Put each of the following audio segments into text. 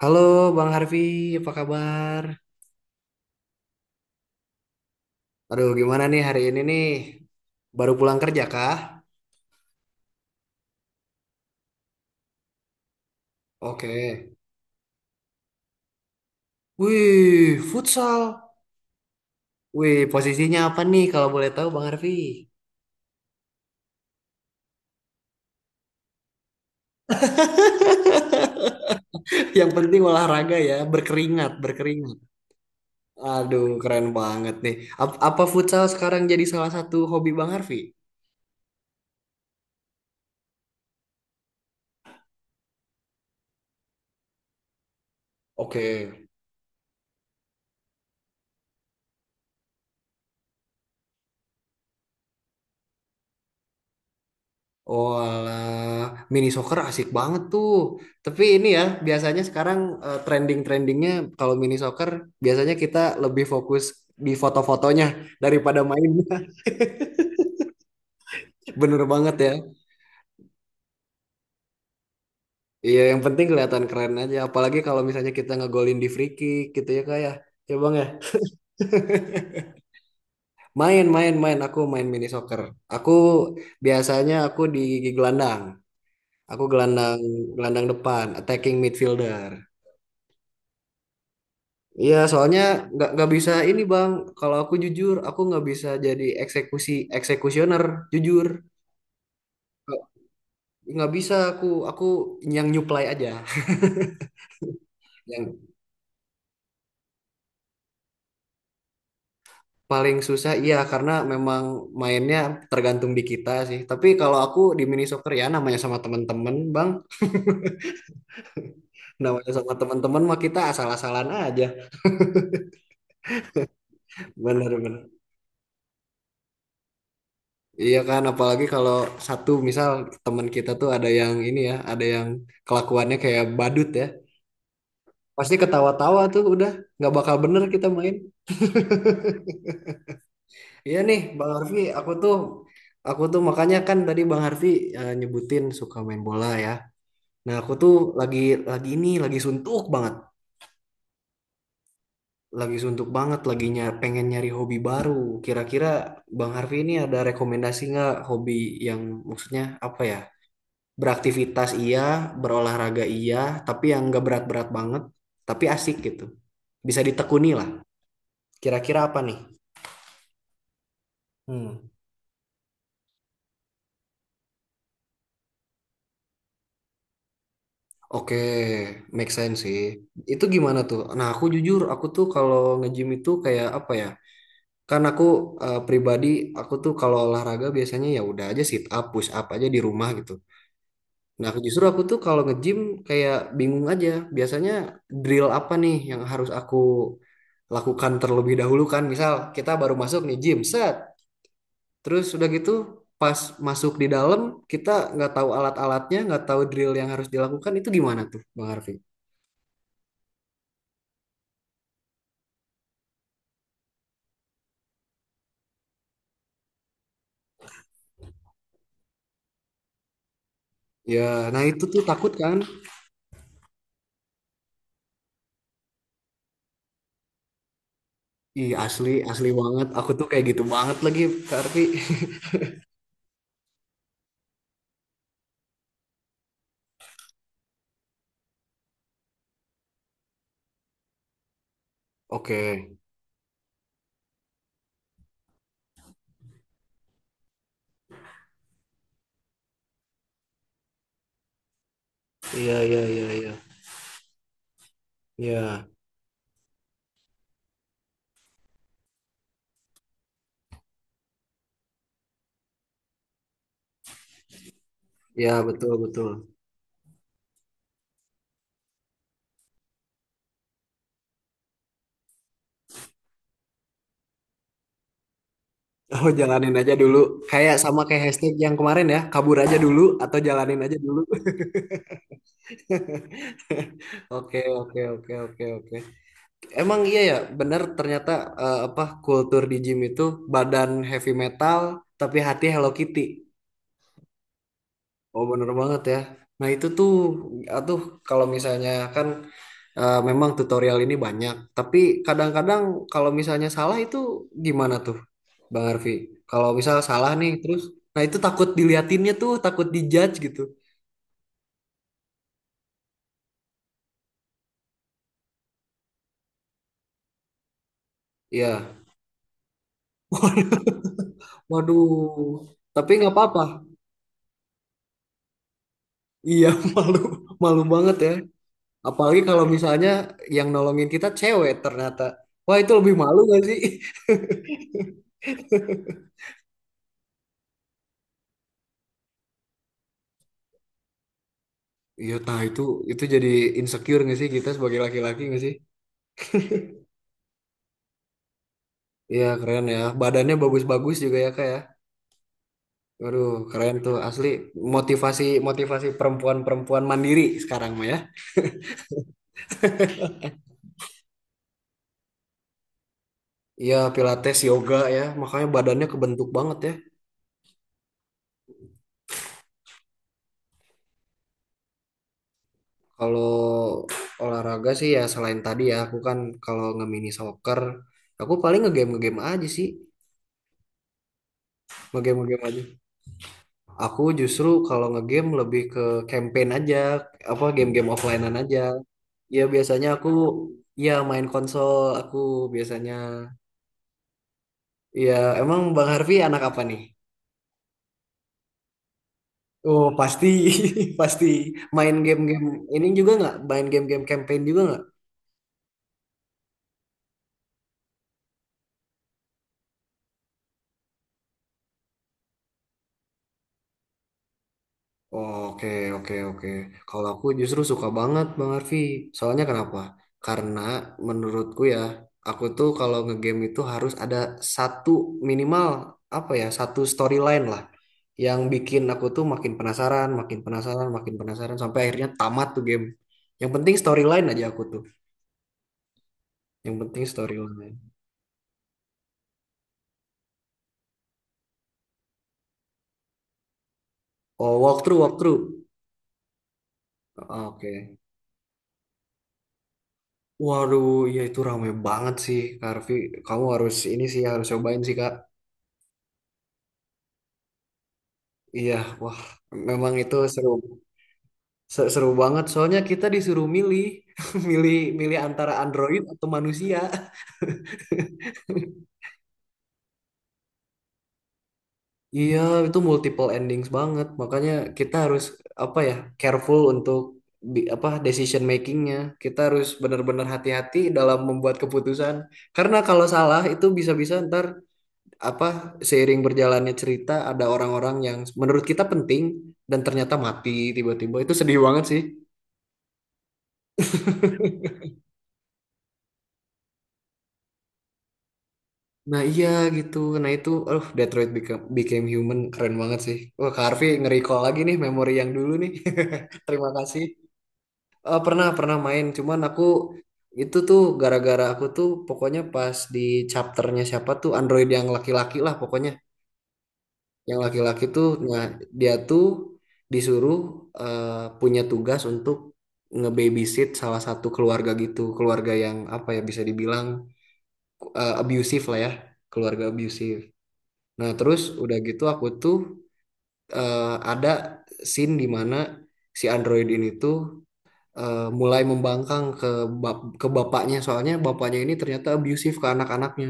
Halo Bang Harvey, apa kabar? Aduh, gimana nih hari ini nih? Baru pulang kerja kah? Oke. Wih, futsal. Wih, posisinya apa nih kalau boleh tahu Bang Harvey? Yang penting olahraga ya, berkeringat, berkeringat. Aduh, keren banget nih. Apa futsal sekarang jadi salah satu hobi Bang Harvey? Oke. Oh, alah. Mini soccer asik banget tuh. Tapi ini ya, biasanya sekarang trending-trendingnya kalau mini soccer biasanya kita lebih fokus di foto-fotonya daripada mainnya. Bener banget ya. Iya, yang penting kelihatan keren aja. Apalagi kalau misalnya kita ngegolin di free kick gitu ya kayak. Ya ya, bang ya, main main main. Aku main mini soccer. Aku biasanya aku di gelandang. Aku gelandang gelandang depan, attacking midfielder. Iya, soalnya nggak bisa ini bang. Kalau aku jujur, aku nggak bisa jadi eksekusioner. Jujur, nggak nggak bisa aku yang nyuplai aja. Yang paling susah, iya karena memang mainnya tergantung di kita sih. Tapi kalau aku di mini soccer ya namanya sama teman-teman bang, namanya sama teman-teman mah kita asal-asalan aja. Bener-bener. Iya kan, apalagi kalau satu misal teman kita tuh ada yang ini ya, ada yang kelakuannya kayak badut ya. Pasti ketawa-tawa tuh udah nggak bakal bener kita main. Iya nih Bang Harfi, aku tuh makanya kan tadi Bang Harfi nyebutin suka main bola ya. Nah aku tuh lagi lagi ini lagi suntuk banget, lagi suntuk banget, pengen nyari hobi baru. Kira-kira Bang Harfi ini ada rekomendasi nggak hobi yang maksudnya apa ya? Beraktivitas iya, berolahraga iya, tapi yang nggak berat-berat banget, tapi asik gitu. Bisa ditekuni lah. Kira-kira apa nih? Hmm. Oke, make sense sih. Itu gimana tuh? Nah, aku jujur, aku tuh kalau nge-gym itu kayak apa ya? Kan aku pribadi, aku tuh kalau olahraga biasanya ya udah aja sit up, push up aja di rumah gitu. Nah, aku justru aku tuh kalau nge-gym kayak bingung aja. Biasanya drill apa nih yang harus aku lakukan terlebih dahulu kan? Misal kita baru masuk nih gym, set. Terus udah gitu pas masuk di dalam kita nggak tahu alat-alatnya, nggak tahu drill yang harus dilakukan itu gimana tuh, Bang Harvey? Ya, nah itu tuh takut kan? Ih, asli, asli banget. Aku tuh kayak gitu banget lagi, Kak Arfi. Oke. Iya, iya, iya, iya. Iya, iya betul, betul. Oh, jalanin aja dulu. Kayak sama kayak hashtag yang kemarin ya, kabur aja dulu atau jalanin aja dulu. Oke, oke, oke, oke, oke. Emang iya ya, benar ternyata apa kultur di gym itu badan heavy metal tapi hati Hello Kitty. Oh, bener banget ya. Nah, itu tuh atuh kalau misalnya kan memang tutorial ini banyak, tapi kadang-kadang kalau misalnya salah itu gimana tuh, Bang Arfi? Kalau misal salah nih, terus, nah itu takut diliatinnya tuh, takut dijudge gitu. Iya, waduh, tapi nggak apa-apa. Iya, malu, malu banget ya. Apalagi kalau misalnya yang nolongin kita cewek ternyata. Wah, itu lebih malu gak sih? Iya, nah itu jadi insecure gak sih kita sebagai laki-laki gak sih? Iya, keren ya. Badannya bagus-bagus juga ya, Kak ya. Waduh, keren tuh asli motivasi motivasi perempuan-perempuan mandiri sekarang mah ya. Iya, pilates, yoga ya, makanya badannya kebentuk banget ya. Kalau olahraga sih ya selain tadi ya, aku kan kalau nge-mini soccer, aku paling nge-game nge-game aja sih, nge-game nge-game aja. Aku justru kalau nge-game lebih ke campaign aja, apa game-game offline-an aja. Ya biasanya aku ya main konsol, aku biasanya. Ya, emang Bang Harvey anak apa nih? Oh pasti pasti main game-game ini juga, nggak main game-game campaign juga nggak. Oke, oke, oke. Kalau aku justru suka banget Bang Arfi. Soalnya kenapa, karena menurutku ya, aku tuh kalau ngegame itu harus ada satu, minimal apa ya, satu storyline lah yang bikin aku tuh makin penasaran makin penasaran makin penasaran sampai akhirnya tamat tuh game. Yang penting storyline aja aku tuh. Yang penting storyline. Oh, walkthrough, walkthrough. Oke. Waduh, ya itu rame banget sih, Kak Arfi. Kamu harus ini sih, harus cobain sih, Kak. Iya, wah, memang itu seru, seru banget. Soalnya kita disuruh milih, milih, milih antara android atau manusia. Iya, itu multiple endings banget. Makanya kita harus apa ya, careful untuk apa decision makingnya. Kita harus benar-benar hati-hati dalam membuat keputusan. Karena kalau salah itu bisa-bisa ntar apa seiring berjalannya cerita ada orang-orang yang menurut kita penting dan ternyata mati tiba-tiba itu sedih banget sih. Nah iya, gitu. Nah itu, oh Detroit Become, Became Human keren banget sih. Wah Kak Harvey nge-recall lagi nih memori yang dulu nih. Terima kasih. Eh, pernah pernah main cuman aku itu tuh gara-gara aku tuh pokoknya pas di chapternya siapa tuh android yang laki-laki lah pokoknya. Yang laki-laki tuh nah dia tuh disuruh punya tugas untuk ngebabysit salah satu keluarga gitu, keluarga yang apa ya bisa dibilang abusive lah ya, keluarga abusive. Nah, terus udah gitu aku tuh eh, ada scene di mana si android ini tuh mulai membangkang ke bapaknya soalnya bapaknya ini ternyata abusive ke anak-anaknya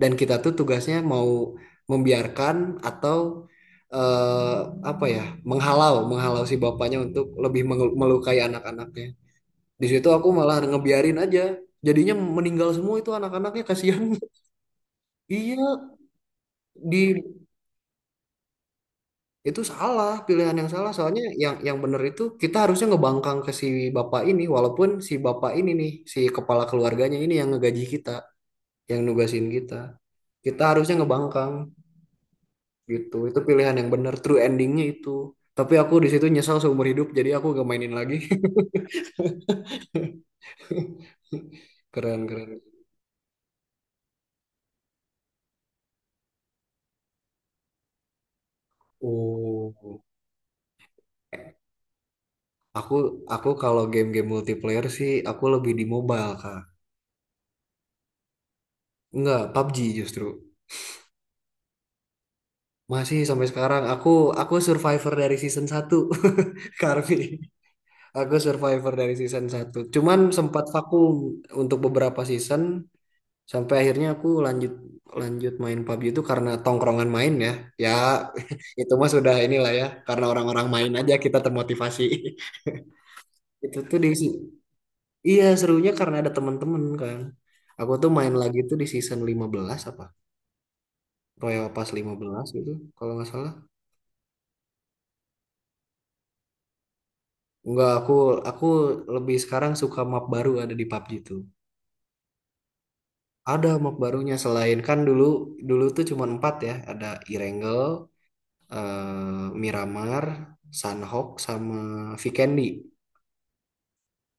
dan kita tuh tugasnya mau membiarkan atau eh, apa ya menghalau menghalau si bapaknya untuk lebih melukai anak-anaknya. Di situ aku malah ngebiarin aja, jadinya meninggal semua itu anak-anaknya kasihan. Iya, di Itu salah, pilihan yang salah. Soalnya yang bener itu kita harusnya ngebangkang ke si bapak ini, walaupun si bapak ini nih, si kepala keluarganya ini yang ngegaji kita, yang nugasin kita. Kita harusnya ngebangkang gitu. Itu pilihan yang bener, true endingnya itu. Tapi aku di situ nyesal seumur hidup, jadi aku gak mainin lagi. Keren, keren. Oh, aku aku kalau game-game multiplayer sih aku lebih di mobile, Kak. Enggak, PUBG justru. Masih sampai sekarang aku survivor dari season 1. Karvi. Aku survivor dari season satu. Cuman sempat vakum untuk beberapa season sampai akhirnya aku lanjut lanjut main PUBG itu karena tongkrongan main ya. Ya itu mah sudah inilah ya karena orang-orang main aja kita termotivasi. Itu tuh di si, iya serunya karena ada teman-teman kan. Aku tuh main lagi tuh di season 15 apa? Royal Pass 15 gitu kalau nggak salah. Enggak, aku lebih sekarang suka map baru ada di PUBG tuh. Ada map barunya selain kan dulu dulu tuh cuma empat ya, ada Erangel, Miramar, Sunhawk, sama Vikendi.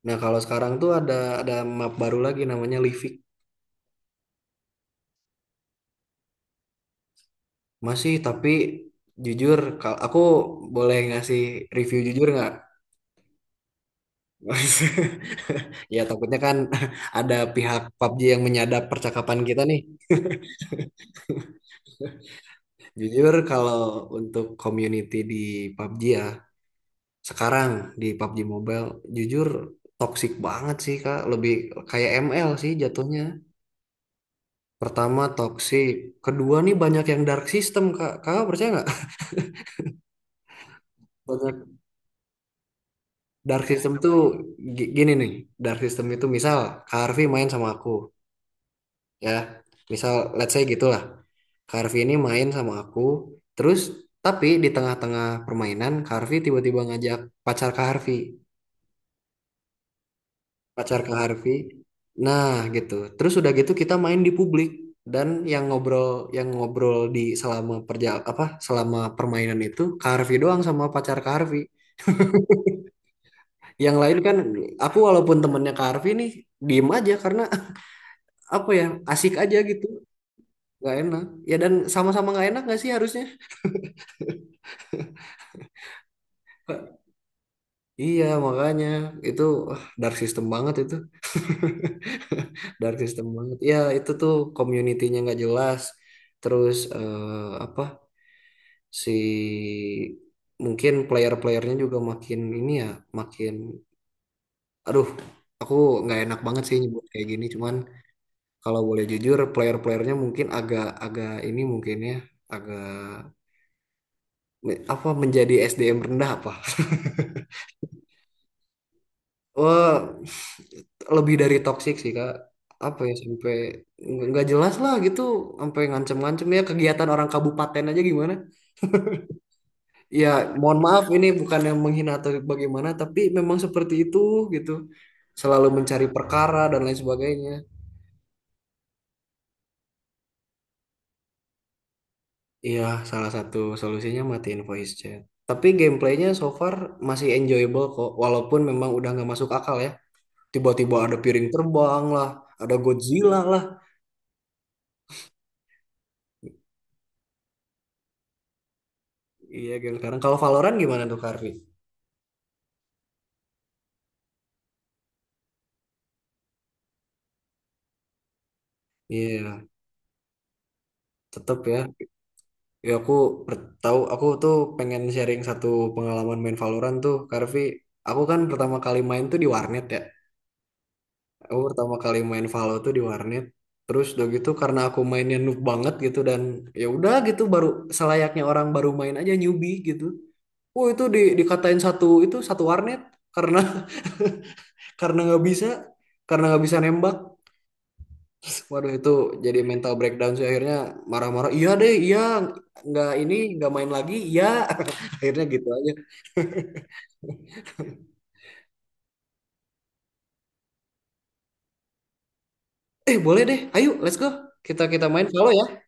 Nah kalau sekarang tuh ada map baru lagi namanya Livik. Masih tapi jujur, kalau aku boleh ngasih review jujur nggak? Ya takutnya kan ada pihak PUBG yang menyadap percakapan kita nih. Jujur kalau untuk community di PUBG ya, sekarang di PUBG Mobile, jujur toksik banget sih Kak. Lebih kayak ML sih jatuhnya. Pertama toksik, kedua nih banyak yang dark system Kak. Kakak percaya nggak? Banyak dark system tuh gini nih, dark system itu misal Kak Harvey main sama aku ya. Misal let's say gitulah. Kak Harvey ini main sama aku, terus tapi di tengah-tengah permainan Kak Harvey tiba-tiba ngajak pacar Kak Harvey. Pacar ke Harvey. Nah, gitu. Terus udah gitu kita main di publik dan yang ngobrol yang ngobrol di selama apa selama permainan itu ke Harvey doang sama pacar ke Harvey. Yang lain kan aku walaupun temennya ke Harvey nih diem aja karena apa ya asik aja gitu. Gak enak. Ya dan sama-sama gak enak gak sih harusnya? Iya makanya itu wah, dark system banget itu. Dark system banget. Ya itu tuh community-nya nggak jelas. Terus apa si mungkin player-playernya juga makin ini ya makin aduh aku nggak enak banget sih nyebut kayak gini cuman kalau boleh jujur player-playernya mungkin agak agak ini mungkin ya agak apa menjadi SDM rendah apa. Wah, lebih dari toksik sih kak apa ya sampai nggak jelas lah gitu sampai ngancem-ngancem ya kegiatan orang kabupaten aja gimana. Ya, mohon maaf ini bukan yang menghina atau bagaimana, tapi memang seperti itu gitu. Selalu mencari perkara dan lain sebagainya. Iya, salah satu solusinya matiin voice chat. Tapi gameplaynya so far masih enjoyable kok, walaupun memang udah nggak masuk akal ya. Tiba-tiba ada piring terbang lah, ada Godzilla lah. Iya, game sekarang. Kalau Valorant gimana tuh, Karvi? Iya, tetep ya. Ya aku tahu aku tuh pengen sharing satu pengalaman main Valorant tuh, Karvi. Aku kan pertama kali main tuh di warnet ya. Aku pertama kali main Valo tuh di warnet. Terus udah gitu karena aku mainnya noob banget gitu dan ya udah gitu baru selayaknya orang baru main aja newbie gitu. Oh itu di, dikatain satu itu satu warnet karena karena nggak bisa karena nggak bisa nembak. Waduh itu jadi mental breakdown sih akhirnya marah-marah. Iya deh, iya nggak ini nggak main lagi. Iya akhirnya gitu aja. Eh boleh deh, ayo let's go kita kita main Valo ya.